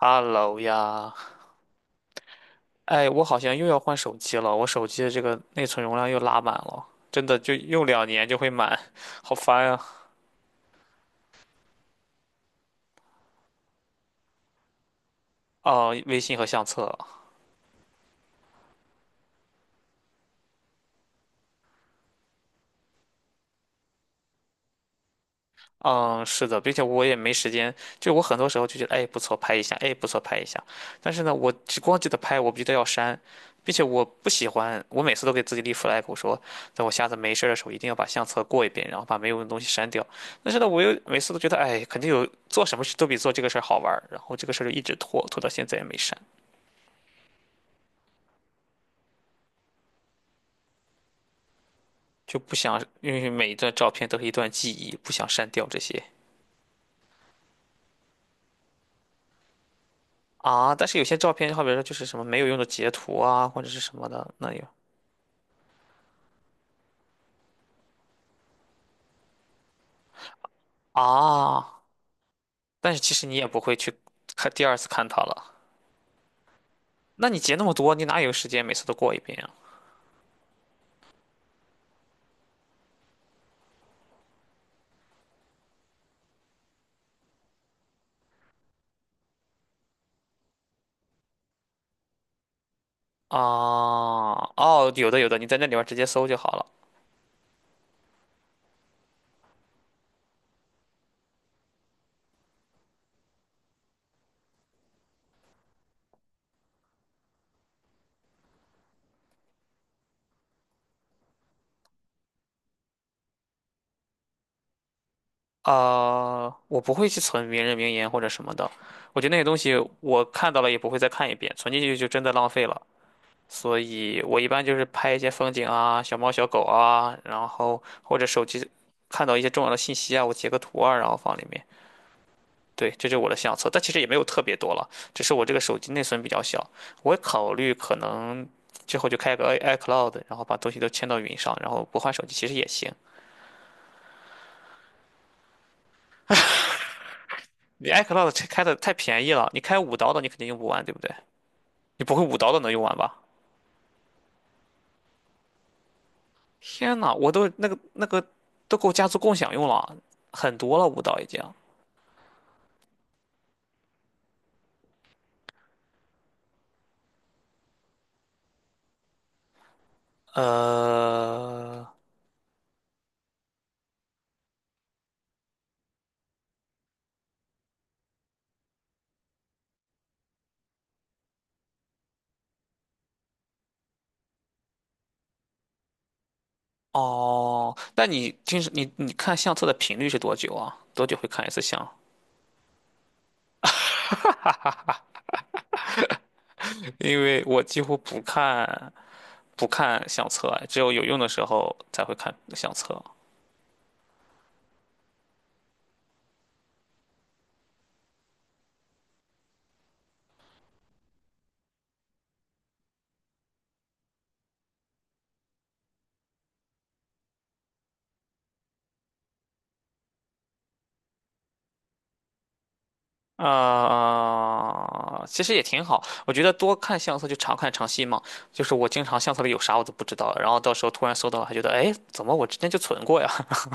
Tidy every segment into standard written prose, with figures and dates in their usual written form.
Hello 呀，哎，我好像又要换手机了，我手机的这个内存容量又拉满了，真的就用2年就会满，好烦啊！哦，微信和相册。嗯，是的，并且我也没时间，就我很多时候就觉得，哎，不错，拍一下，哎，不错，拍一下。但是呢，我只光记得拍，我不记得要删，并且我不喜欢，我每次都给自己立 flag，我说，等我下次没事儿的时候，一定要把相册过一遍，然后把没有用的东西删掉。但是呢，我又每次都觉得，哎，肯定有做什么事都比做这个事儿好玩儿，然后这个事儿就一直拖，拖到现在也没删，就不想，因为每一段照片都是一段记忆，不想删掉这些啊。但是有些照片，好比说就是什么没有用的截图啊，或者是什么的，那有。啊，但是其实你也不会去看第二次看它了。那你截那么多，你哪有时间每次都过一遍啊？啊，哦，有的有的，你在那里边儿直接搜就好了。啊，我不会去存名人名言或者什么的，我觉得那些东西我看到了也不会再看一遍，存进去就真的浪费了。所以我一般就是拍一些风景啊、小猫小狗啊，然后或者手机看到一些重要的信息啊，我截个图啊，然后放里面。对，这就是我的相册，但其实也没有特别多了，只是我这个手机内存比较小。我考虑可能之后就开个 iCloud，然后把东西都迁到云上，然后不换手机其实也行。你 iCloud 这开的太便宜了，你开五刀的你肯定用不完，对不对？你不会五刀的能用完吧？天呐，我都那个都够家族共享用了，很多了，五刀已经。呃，哦，那你平时你看相册的频率是多久啊？多久会看一次相？因为我几乎不看相册，只有有用的时候才会看相册。啊、其实也挺好。我觉得多看相册就常看常新嘛。就是我经常相册里有啥我都不知道，然后到时候突然搜到了，还觉得哎，怎么我之前就存过呀？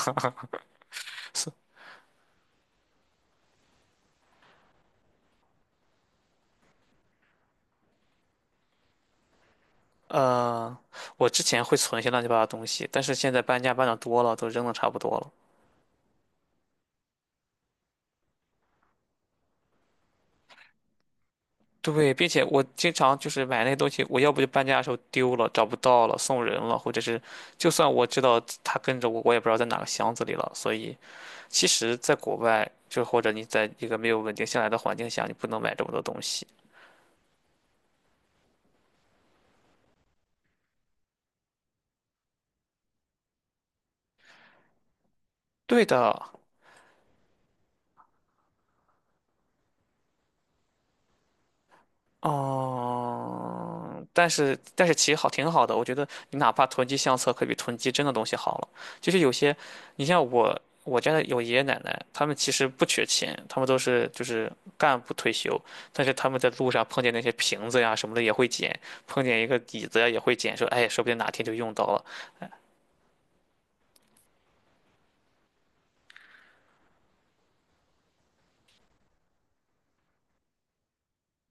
呃，我之前会存一些乱七八糟的东西，但是现在搬家搬的多了，都扔的差不多了。对，并且我经常就是买那些东西，我要不就搬家的时候丢了，找不到了，送人了，或者是就算我知道它跟着我，我也不知道在哪个箱子里了，所以。其实，在国外，就或者你在一个没有稳定下来的环境下，你不能买这么多东西。对的，嗯，但是其实好挺好的，我觉得你哪怕囤积相册，可比囤积真的东西好了。就是有些，你像我家的有爷爷奶奶，他们其实不缺钱，他们都是就是干部退休，但是他们在路上碰见那些瓶子呀什么的也会捡，碰见一个椅子呀也会捡，说哎，说不定哪天就用到了。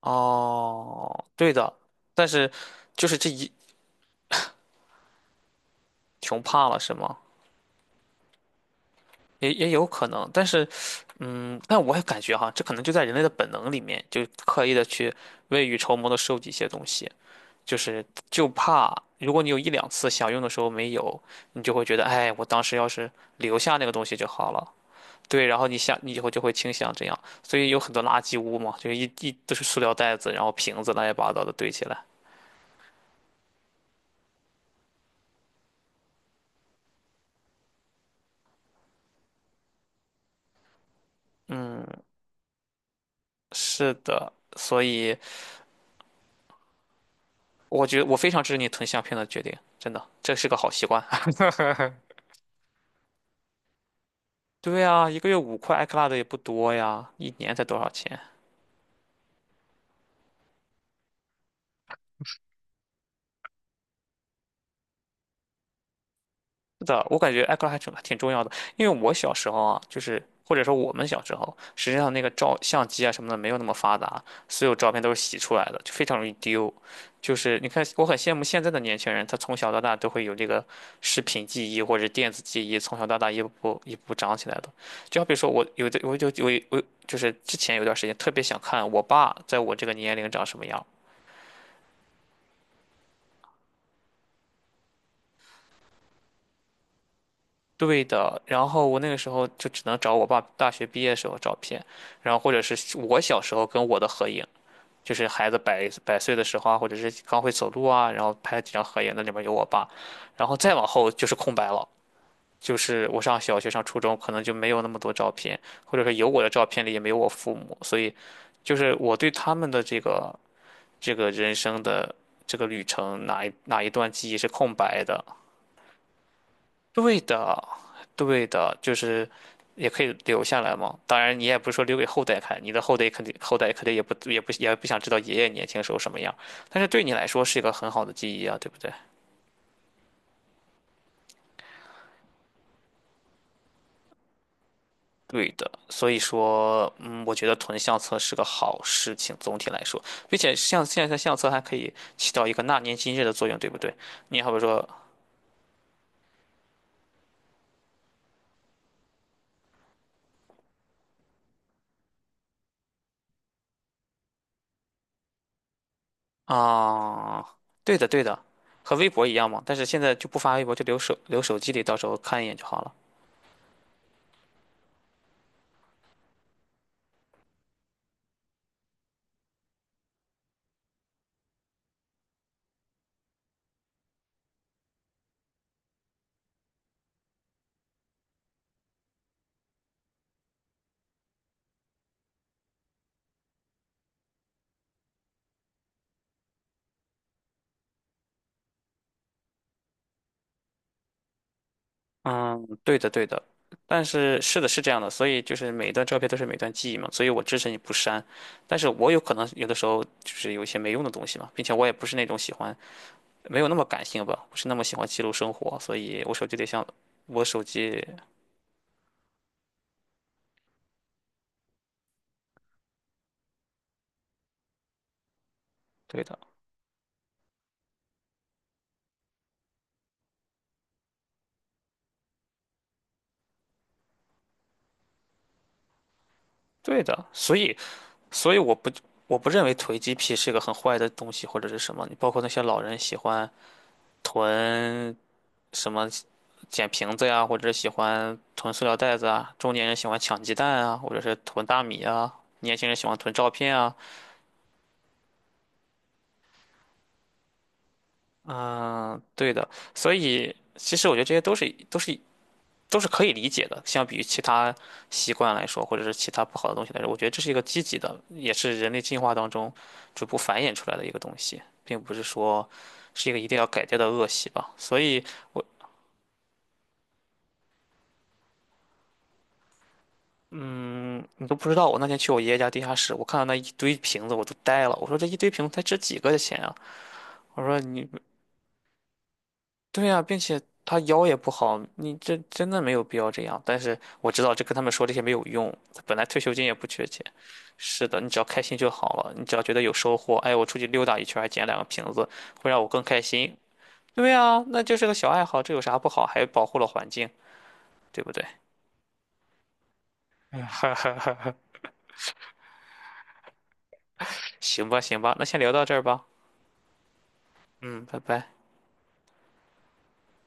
哦，对的，但是就是这一穷怕了是吗？也也有可能，但是，嗯，但我也感觉哈，这可能就在人类的本能里面，就刻意的去未雨绸缪的收集一些东西，就是就怕如果你有一两次想用的时候没有，你就会觉得，哎，我当时要是留下那个东西就好了。对，然后你想，你以后就会倾向这样，所以有很多垃圾屋嘛，就是一都是塑料袋子，然后瓶子乱七八糟的堆起来。嗯，是的，所以我觉得我非常支持你囤相片的决定，真的，这是个好习惯。对啊，一个月5块，i c l 克 u 的也不多呀，一年才多少钱？是的，我感觉 I c 克 o 还挺重要的，因为我小时候啊，就是或者说我们小时候，实际上那个照相机啊什么的没有那么发达，所有照片都是洗出来的，就非常容易丢。就是你看，我很羡慕现在的年轻人，他从小到大都会有这个视频记忆或者电子记忆，从小到大一步步长起来的。就好比说我有的，我就是之前有段时间特别想看我爸在我这个年龄长什么样，对的，然后我那个时候就只能找我爸大学毕业时候照片，然后或者是我小时候跟我的合影，就是孩子百岁的时候啊，或者是刚会走路啊，然后拍了几张合影，那里面有我爸，然后再往后就是空白了，就是我上小学上初中可能就没有那么多照片，或者说有我的照片里也没有我父母，所以就是我对他们的这个人生的这个旅程哪一段记忆是空白的。对的，对的，就是也可以留下来嘛。当然，你也不是说留给后代看，你的后代肯定也不想知道爷爷年轻时候什么样，但是对你来说是一个很好的记忆啊，对不对？对的，所以说，嗯，我觉得囤相册是个好事情，总体来说，并且像现在的相册还可以起到一个纳年今日的作用，对不对？你好比说，啊、对的对的，和微博一样嘛，但是现在就不发微博，就留手机里，到时候看一眼就好了。嗯，对的，对的，但是是的，是这样的，所以就是每一段照片都是每段记忆嘛，所以我支持你不删，但是我有可能有的时候就是有一些没用的东西嘛，并且我也不是那种喜欢，没有那么感性吧，不是那么喜欢记录生活，所以我手机得像我手机，对的，对的，所以我不认为囤积癖是个很坏的东西或者是什么，你包括那些老人喜欢囤什么捡瓶子呀，或者是喜欢囤塑料袋子啊，中年人喜欢抢鸡蛋啊，或者是囤大米啊，年轻人喜欢囤照片啊。嗯，对的，所以其实我觉得这些都是可以理解的，相比于其他习惯来说，或者是其他不好的东西来说，我觉得这是一个积极的，也是人类进化当中逐步繁衍出来的一个东西，并不是说是一个一定要改掉的恶习吧。所以我，嗯，你都不知道，我那天去我爷爷家地下室，我看到那一堆瓶子，我都呆了。我说这一堆瓶子才值几个的钱啊！我说你，对呀、并且他腰也不好，你这真的没有必要这样。但是我知道这跟他们说这些没有用，他本来退休金也不缺钱。是的，你只要开心就好了，你只要觉得有收获，哎，我出去溜达一圈还捡2个瓶子，会让我更开心。对呀、那就是个小爱好，这有啥不好？还保护了环境，对不对？行吧，行吧，那先聊到这儿吧。嗯，拜拜。